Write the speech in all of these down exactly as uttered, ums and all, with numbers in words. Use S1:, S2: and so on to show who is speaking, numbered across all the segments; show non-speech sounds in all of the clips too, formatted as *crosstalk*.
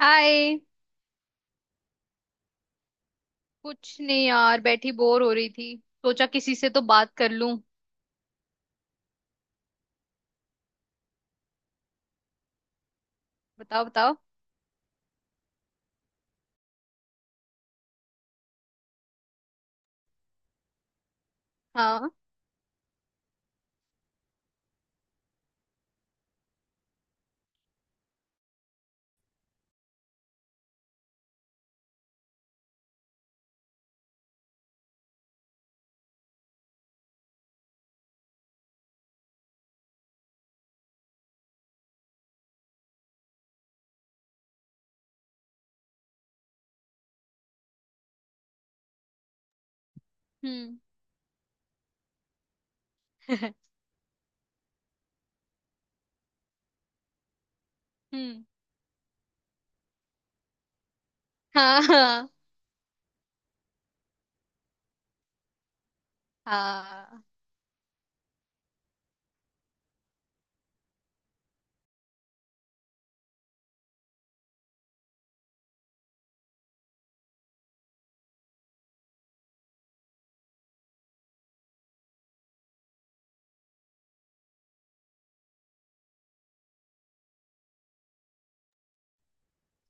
S1: हाय। कुछ नहीं यार, बैठी बोर हो रही थी। सोचा किसी से तो बात कर लूं। बताओ बताओ। हाँ। हम्म। *laughs* हम्म। हाँ हाँ। हाँ।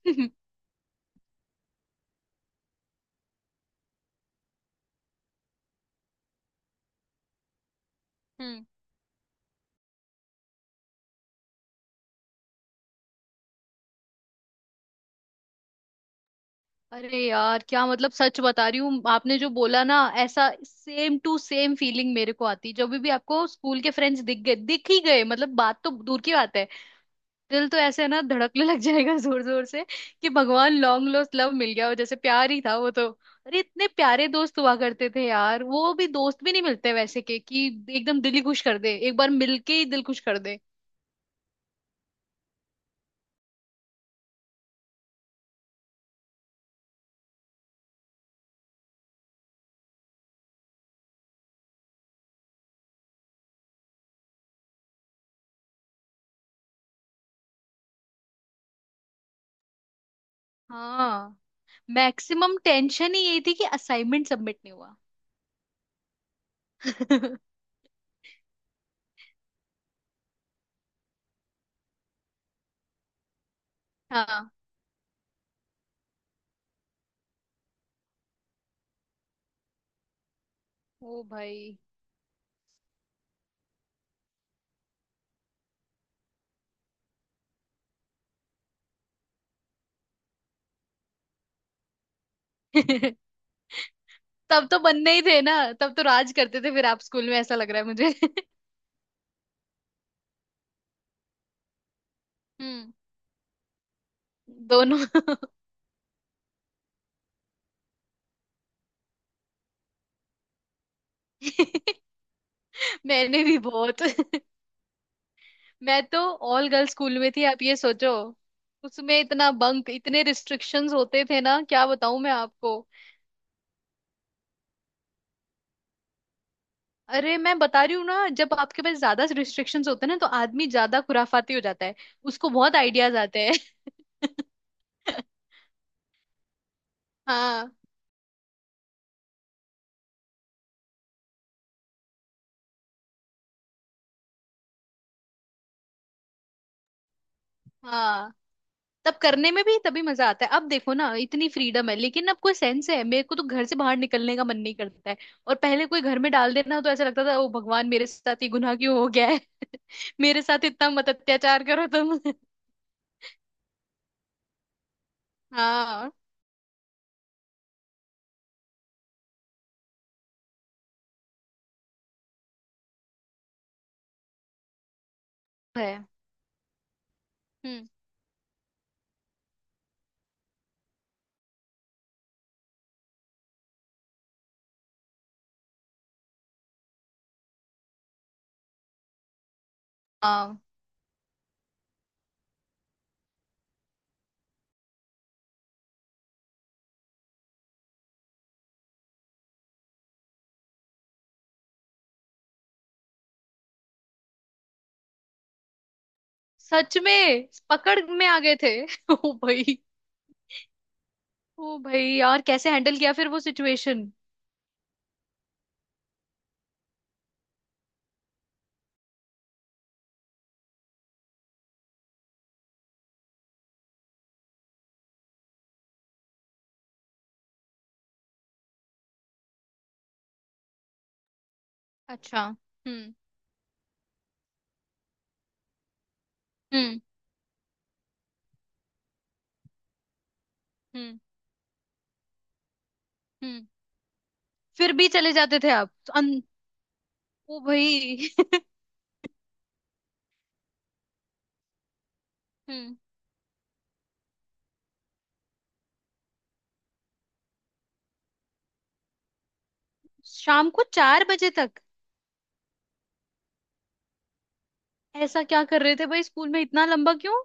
S1: *laughs* हम्म। अरे यार क्या मतलब, सच बता रही हूँ आपने जो बोला ना, ऐसा सेम टू सेम फीलिंग मेरे को आती। जब भी आपको स्कूल के फ्रेंड्स दिख गए, दिख ही गए मतलब, बात तो दूर की बात है, दिल तो ऐसे ना धड़कने लग जाएगा *laughs* जोर जोर से कि भगवान, लॉन्ग लॉस्ट लव मिल गया हो जैसे। प्यार ही था वो तो। अरे इतने प्यारे दोस्त हुआ करते थे यार, वो भी दोस्त भी नहीं मिलते वैसे के कि एकदम दिल ही खुश कर दे, एक बार मिलके ही दिल खुश कर दे। हाँ, मैक्सिमम टेंशन ही यही थी कि असाइनमेंट सबमिट नहीं हुआ। *laughs* हाँ। ओ भाई। *laughs* तब तो बनने ही थे ना। तब तो राज करते थे फिर आप स्कूल में, ऐसा लग रहा है मुझे। *laughs* हम्म। दोनों। *laughs* मैंने भी बहुत। *laughs* मैं तो ऑल गर्ल्स स्कूल में थी, आप ये सोचो। उसमें इतना बंक, इतने रिस्ट्रिक्शंस होते थे ना, क्या बताऊं मैं आपको। अरे मैं बता रही हूँ ना, जब आपके पास ज्यादा रिस्ट्रिक्शंस होते हैं ना, तो आदमी ज्यादा खुराफाती हो जाता है। उसको बहुत आइडियाज आते हैं। *laughs* हाँ। हाँ, तब करने में भी तभी मजा आता है। अब देखो ना इतनी फ्रीडम है, लेकिन अब कोई सेंस है, मेरे को तो घर से बाहर निकलने का मन नहीं करता है। और पहले कोई घर में डाल देना तो ऐसा लगता था, ओ भगवान मेरे साथ ये गुनाह क्यों हो गया है। *laughs* मेरे साथ इतना मत अत्याचार करो तुम। हाँ। है। हम्म। हाँ, सच में पकड़ में आ गए थे। *laughs* ओ भाई। ओ भाई यार, कैसे हैंडल किया फिर वो सिचुएशन। अच्छा। हम्म। हम्म। हम्म। हम्म। फिर भी चले जाते थे आप अन... ओ भाई। *laughs* हम्म। शाम को चार बजे तक? ऐसा क्या कर रहे थे भाई स्कूल में इतना लंबा क्यों।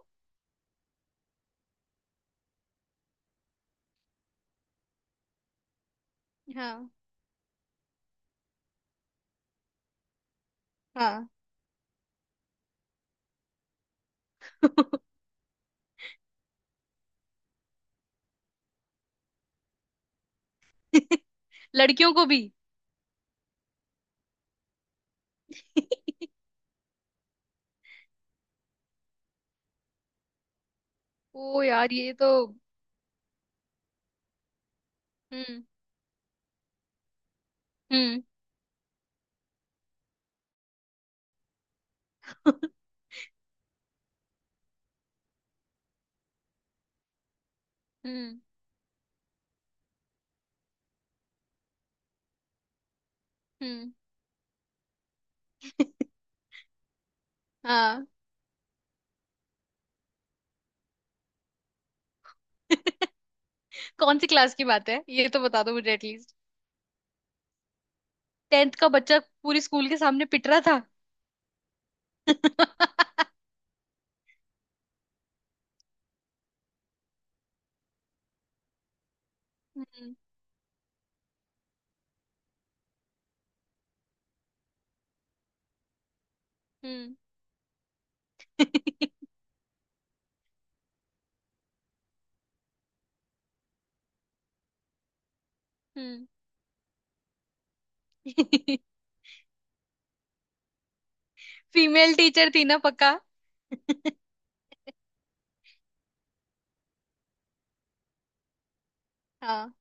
S1: हाँ। हाँ। *laughs* लड़कियों को भी? *laughs* ओ यार, ये तो। हम्म। हम्म। *laughs* हम्म। हम्म। *laughs* हाँ। *laughs* कौन सी क्लास की बात है, ये तो बता दो मुझे एटलीस्ट। टेंथ का बच्चा पूरी स्कूल के सामने पिट रहा था। *laughs* हम्म। हम्म। हम्म। *laughs* फीमेल टीचर थी ना पक्का? *laughs* हाँ।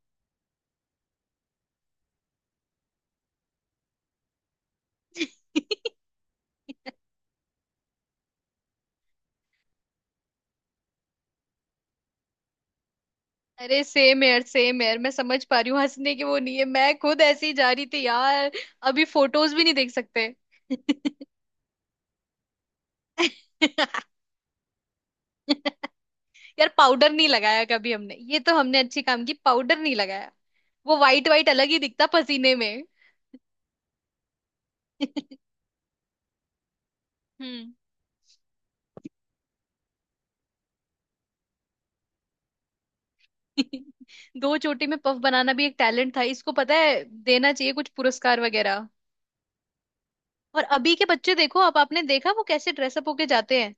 S1: *laughs* अरे सेम यार, सेम यार, मैं समझ पा रही हूँ। हंसने की वो नहीं है, मैं खुद ऐसी ही जा रही थी यार। अभी फोटोज भी नहीं देख सकते। *laughs* यार पाउडर नहीं लगाया कभी हमने, ये तो हमने अच्छी काम की, पाउडर नहीं लगाया। वो वाइट वाइट अलग ही दिखता पसीने में। *laughs* हम्म। *laughs* दो चोटी में पफ बनाना भी एक टैलेंट था, इसको पता है देना चाहिए कुछ पुरस्कार वगैरह। और अभी के बच्चे देखो, अब आपने देखा वो कैसे ड्रेसअप होके जाते हैं।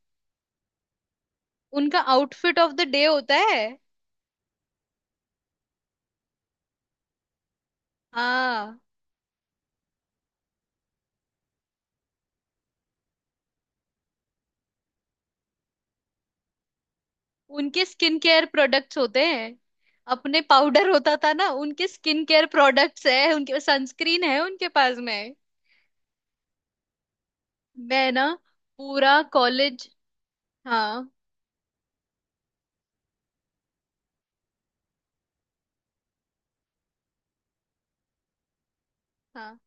S1: उनका आउटफिट ऑफ द डे होता है। हाँ। उनके स्किन केयर प्रोडक्ट्स होते हैं। अपने पाउडर होता था ना, उनके स्किन केयर प्रोडक्ट्स है, उनके सनस्क्रीन है उनके पास में। मैं ना पूरा कॉलेज। हाँ। हाँ।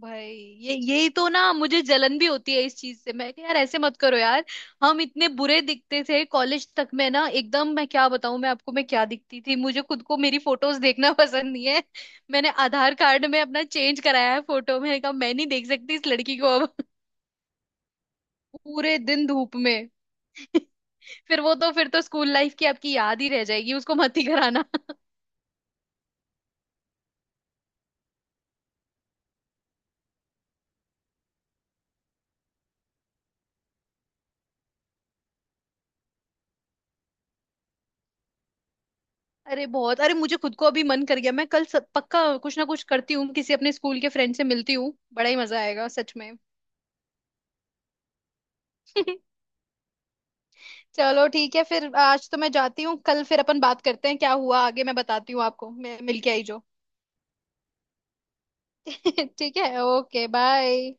S1: भाई, ये यही तो ना, मुझे जलन भी होती है इस चीज से। मैं कहा, यार ऐसे मत करो यार। हम इतने बुरे दिखते थे कॉलेज तक में ना एकदम, मैं क्या बताऊं मैं आपको, मैं क्या दिखती थी, मुझे खुद को मेरी फोटोज देखना *laughs* पसंद नहीं है। मैंने आधार कार्ड में अपना चेंज कराया है फोटो, मैंने कहा मैं नहीं देख सकती इस लड़की को अब। *laughs* पूरे दिन धूप में। *laughs* फिर वो तो, फिर तो स्कूल लाइफ की आपकी याद ही रह जाएगी, उसको मत ही कराना। *laughs* अरे बहुत, अरे मुझे खुद को अभी मन कर गया, मैं कल सब, पक्का कुछ ना कुछ करती हूँ, किसी अपने स्कूल के फ्रेंड से मिलती हूँ, बड़ा ही मजा आएगा सच में। *laughs* चलो ठीक है, फिर आज तो मैं जाती हूँ, कल फिर अपन बात करते हैं, क्या हुआ आगे मैं बताती हूँ आपको, मैं मिल के आई जो। *laughs* ठीक है, ओके बाय।